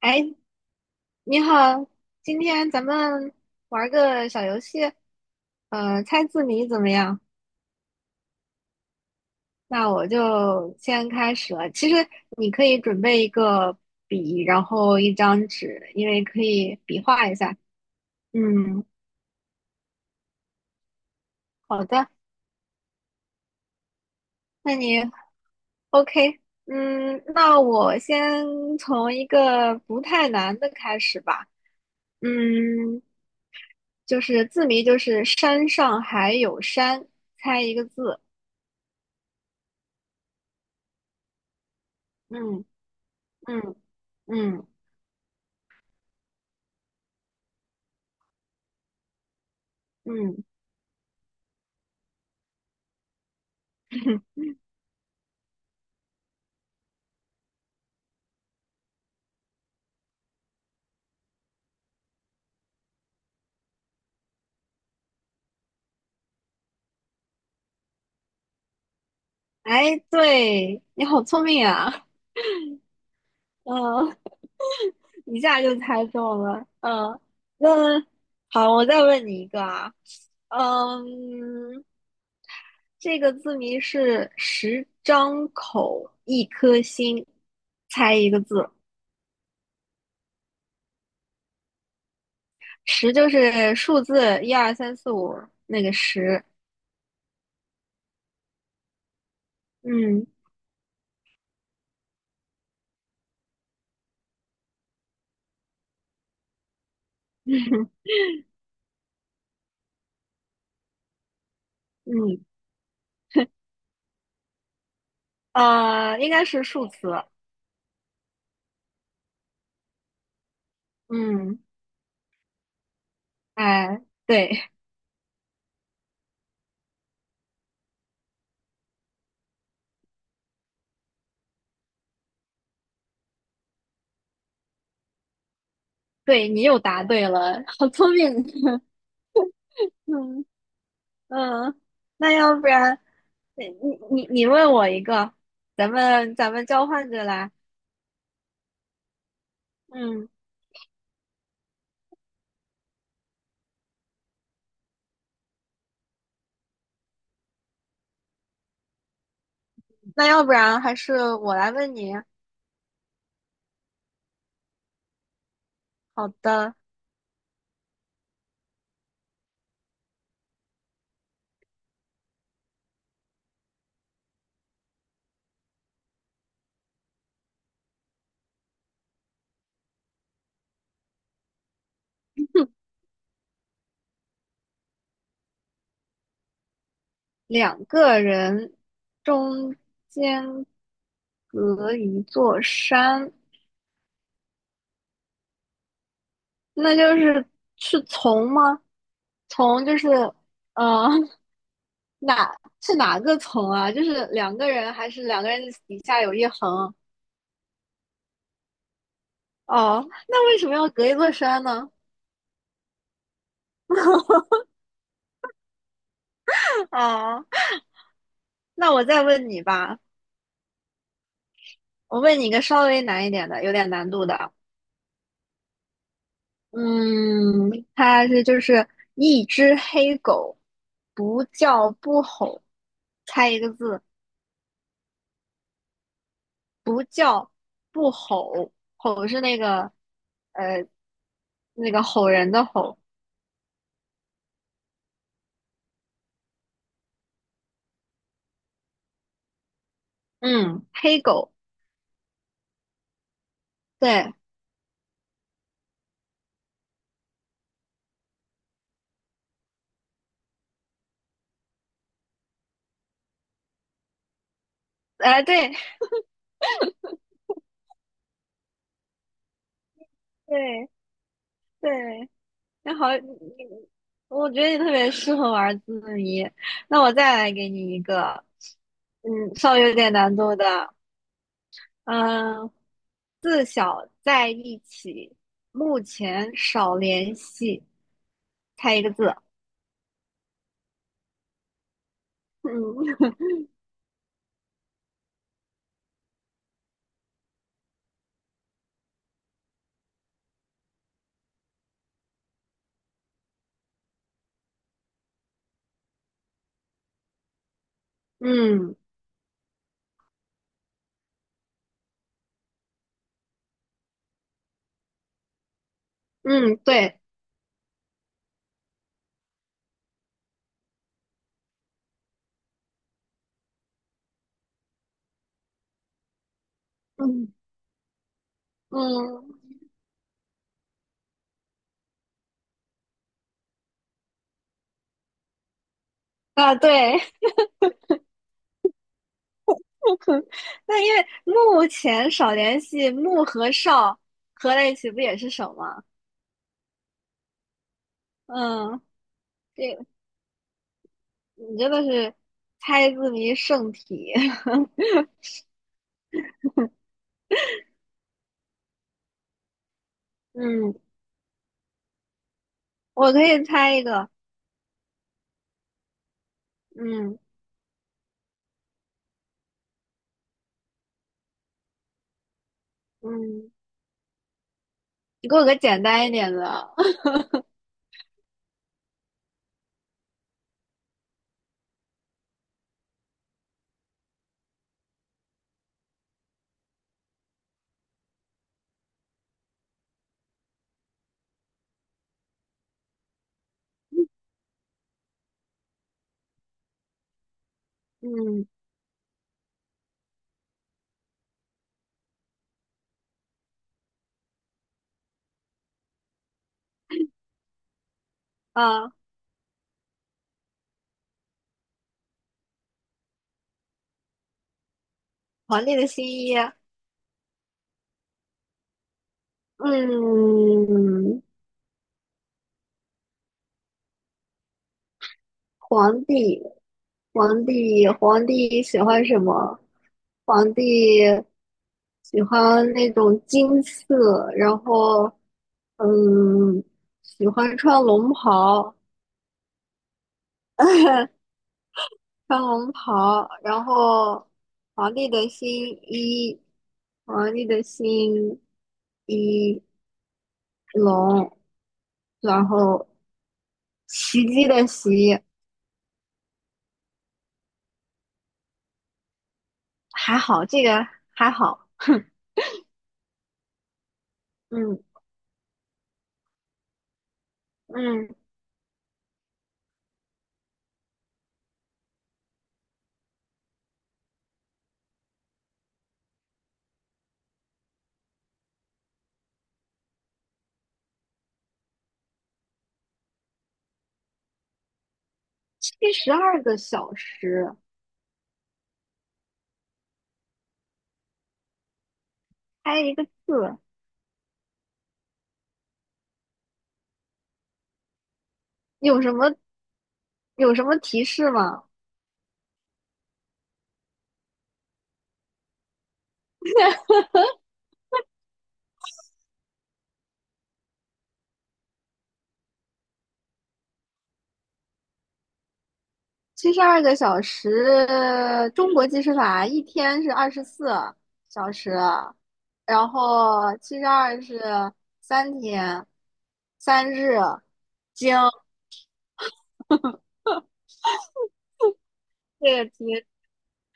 哎，你好，今天咱们玩个小游戏，猜字谜怎么样？那我就先开始了。其实你可以准备一个笔，然后一张纸，因为可以比划一下。嗯，好的，那你 OK？嗯，那我先从一个不太难的开始吧。嗯，就是字谜，就是山上还有山，猜一个字。嗯嗯嗯。嗯，哎，对，你好聪明啊，嗯，一下就猜中了，嗯，那好，我再问你一个啊，嗯，这个字谜是十张口一颗心，猜一个字，十就是数字一二三四五那个十，嗯 嗯，应该是数词，嗯，哎，对对，你又答对了，好聪明。嗯嗯，那要不然，你问我一个，咱们交换着来。嗯，那要不然还是我来问你。好的，两个人中间隔一座山，那就是从吗？从就是呃 哪是哪个从啊？就是两个人还是两个人底下有一横？哦，那为什么要隔一座山呢？啊。那我再问你吧，我问你一个稍微难一点的，有点难度的。嗯，它是就是一只黑狗，不叫不吼，猜一个字，不叫不吼，吼是那个呃吼人的吼。嗯，黑狗，对，哎、对对对，那好，我觉得你特别适合玩字谜。那我再来给你一个，嗯，稍微有点难度的。嗯，自小在一起，目前少联系。猜一个字。嗯嗯嗯，对，嗯嗯啊，对。那因为目前少联系，木和少合在一起不也是手吗？嗯，这个你真的是猜字谜圣体。嗯，我可以猜一个。嗯嗯，你给我个简单一点的。嗯啊，皇帝的新衣。嗯，皇帝，皇帝，皇帝喜欢什么？皇帝喜欢那种金色，然后，嗯，喜欢穿龙袍，穿龙袍，然后皇帝的新衣，皇帝的新衣龙，然后袭击的袭，还好，这个还好，嗯。嗯，72个小时，开一个字，有什么有什么提示吗？七十二个小时，中国计时法一天是二十四小时，然后七十二是三天，三日。经这个题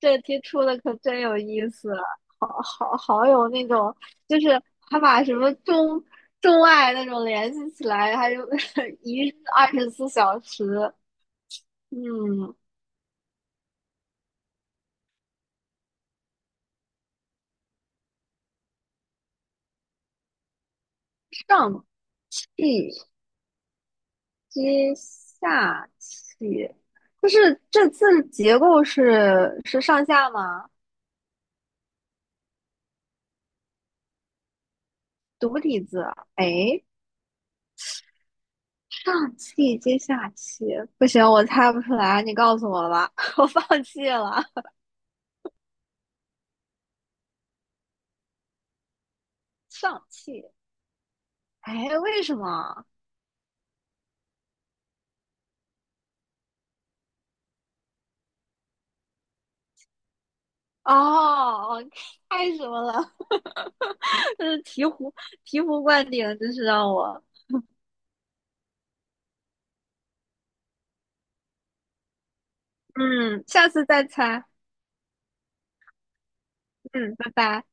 这题出的可真有意思，好好好有那种，就是还把什么中外那种联系起来，还有 一日24小时，嗯，上气接下气，就是这字结构是上下吗？独体字，哎，上气接下气，不行，我猜不出来，你告诉我吧，我放弃了。上气，哎，为什么？哦，太什么了，就是醍醐灌顶，真是让我，嗯，下次再猜，嗯，拜拜。